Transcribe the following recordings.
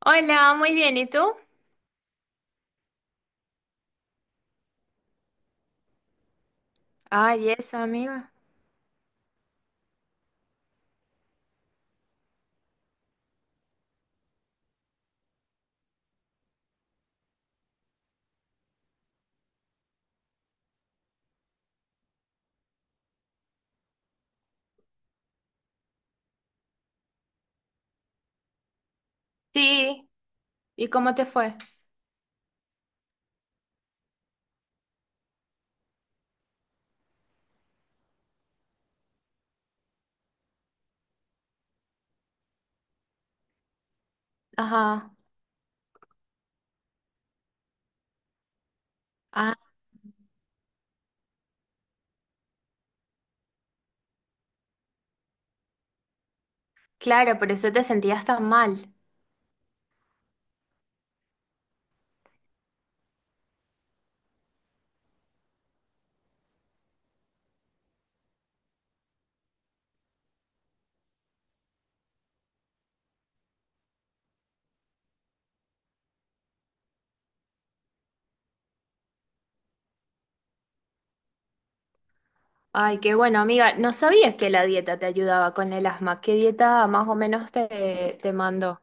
Hola, muy bien, ¿y tú? Ay, eso, amiga. Sí. ¿Y cómo te fue? Ajá. Ah, claro, por eso te sentías tan mal. Ay, qué bueno, amiga. No sabía que la dieta te ayudaba con el asma. ¿Qué dieta más o menos te mandó?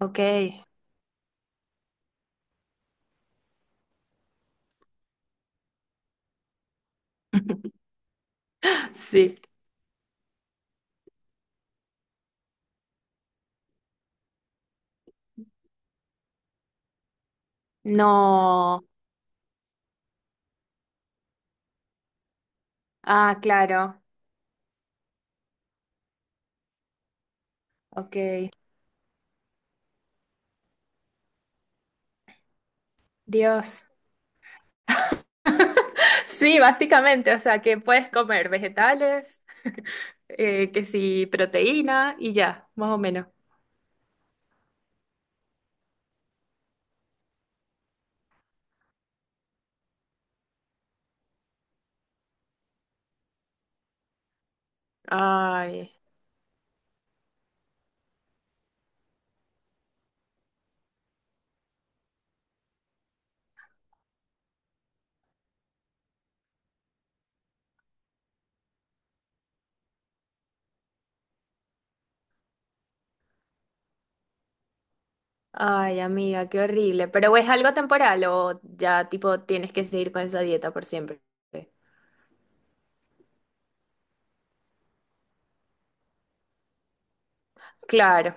Ok. Sí. No. Ah, claro. Ok. Dios. Sí, básicamente, o sea, que puedes comer vegetales, que sí, proteína y ya, más o menos. Ay. Ay, amiga, qué horrible. Pero ¿es algo temporal o ya tipo tienes que seguir con esa dieta por siempre? Claro,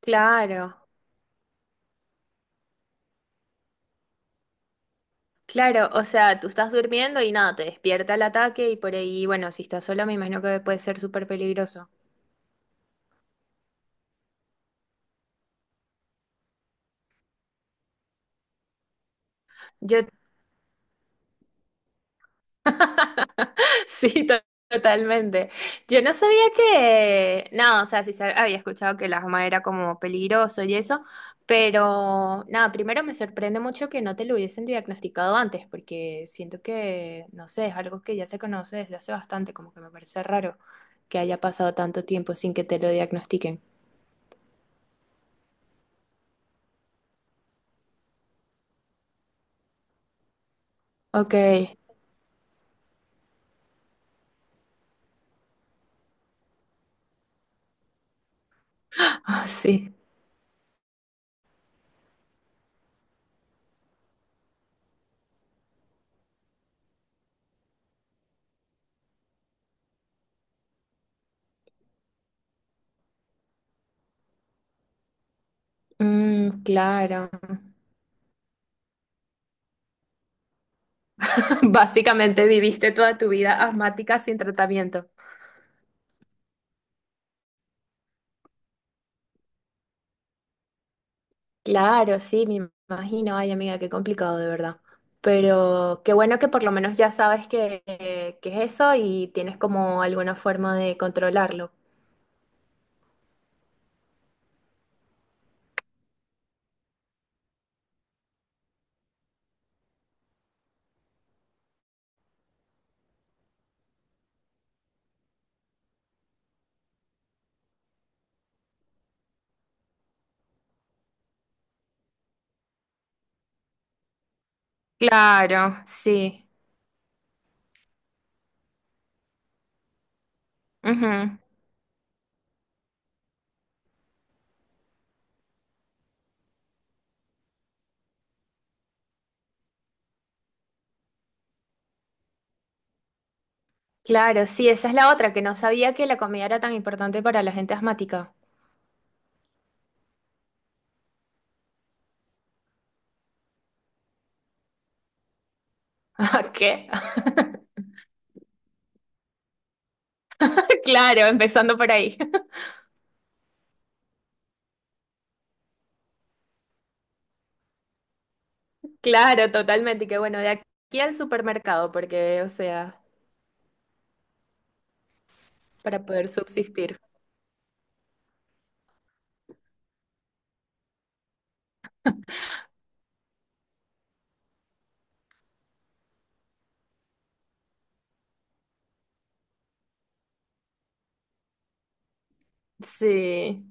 claro, claro. O sea, tú estás durmiendo y nada, te despierta el ataque y por ahí, bueno, si estás sola me imagino que puede ser súper peligroso. Yo sí, totalmente. Yo no sabía que, no, o sea, había escuchado que el asma era como peligroso y eso, pero nada, primero me sorprende mucho que no te lo hubiesen diagnosticado antes, porque siento que, no sé, es algo que ya se conoce desde hace bastante, como que me parece raro que haya pasado tanto tiempo sin que te lo diagnostiquen. Ok, ah, sí. Mm, claro. Básicamente viviste toda tu vida asmática sin tratamiento. Claro, sí, me imagino. Ay, amiga, qué complicado de verdad. Pero qué bueno que por lo menos ya sabes que es eso y tienes como alguna forma de controlarlo. Claro, sí. Ujú. Claro, sí, esa es la otra, que no sabía que la comida era tan importante para la gente asmática. ¿Qué? Claro, empezando por ahí. Claro, totalmente. Y que bueno, de aquí al supermercado, porque, o sea, para poder subsistir. Sí.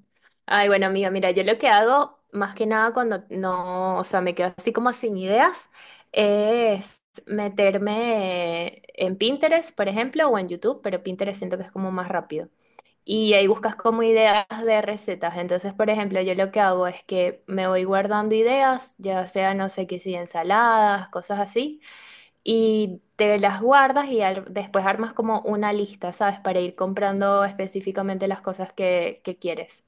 Ay, bueno, amiga, mira, yo lo que hago más que nada cuando no, o sea, me quedo así como sin ideas, es meterme en Pinterest, por ejemplo, o en YouTube, pero Pinterest siento que es como más rápido. Y ahí buscas como ideas de recetas. Entonces, por ejemplo, yo lo que hago es que me voy guardando ideas, ya sea, no sé qué, si ensaladas, cosas así y te las guardas y después armas como una lista, ¿sabes? Para ir comprando específicamente las cosas que quieres.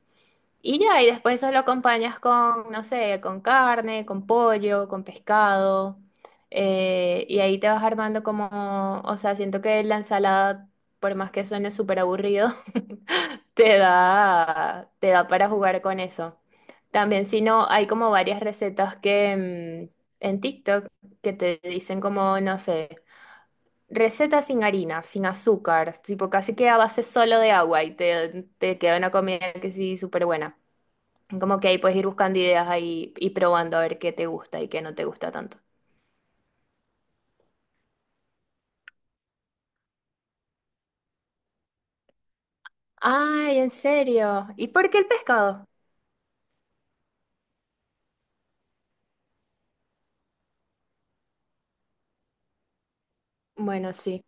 Y ya, y después eso lo acompañas con, no sé, con carne, con pollo, con pescado. Y ahí te vas armando como, o sea, siento que la ensalada, por más que suene súper aburrido, te da para jugar con eso. También, si no, hay como varias recetas que en TikTok que te dicen como, no sé. Receta sin harina, sin azúcar, tipo casi que a base solo de agua y te queda una comida que sí, súper buena. Como que ahí puedes ir buscando ideas ahí y probando a ver qué te gusta y qué no te gusta tanto. Ay, en serio. ¿Y por qué el pescado? Bueno, sí,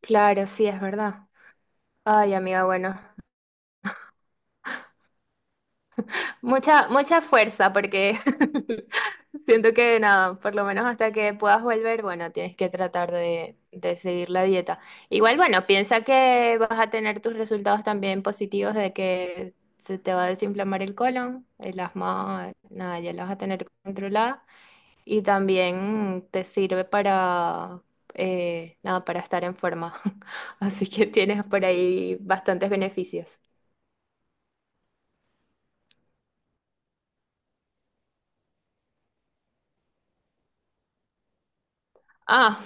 claro, sí, es verdad. Ay, amiga, bueno, mucha, mucha fuerza, porque siento que nada, por lo menos hasta que puedas volver, bueno, tienes que tratar de seguir la dieta. Igual, bueno, piensa que vas a tener tus resultados también positivos de que se te va a desinflamar el colon, el asma, nada, ya lo vas a tener controlada. Y también te sirve para, nada, para estar en forma. Así que tienes por ahí bastantes beneficios. Ah.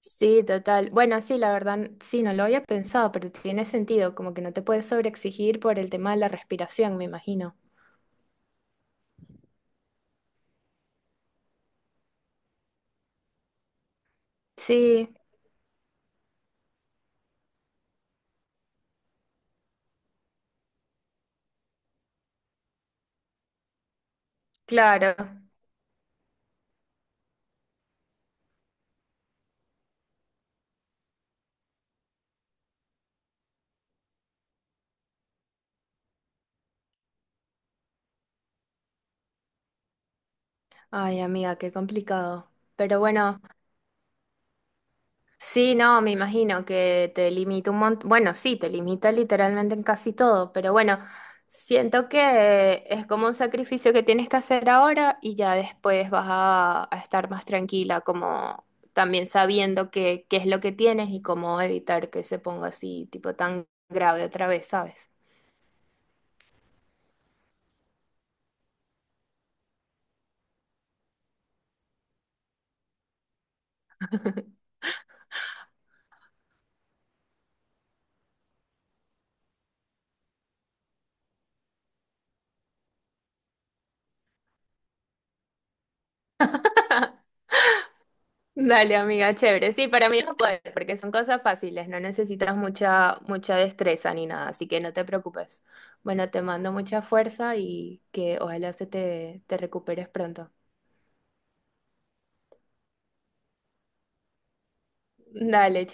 Sí, total. Bueno, sí, la verdad, sí, no lo había pensado, pero tiene sentido, como que no te puedes sobreexigir por el tema de la respiración, me imagino. Sí, claro. Ay, amiga, qué complicado. Pero bueno, sí, no, me imagino que te limita un montón. Bueno, sí, te limita literalmente en casi todo, pero bueno, siento que es como un sacrificio que tienes que hacer ahora y ya después vas a estar más tranquila, como también sabiendo qué es lo que tienes y cómo evitar que se ponga así, tipo tan grave otra vez, ¿sabes? Dale, amiga, chévere. Sí, para mí es un poder, porque son cosas fáciles, no necesitas mucha destreza ni nada, así que no te preocupes. Bueno, te mando mucha fuerza y que ojalá se te recuperes pronto. Dale,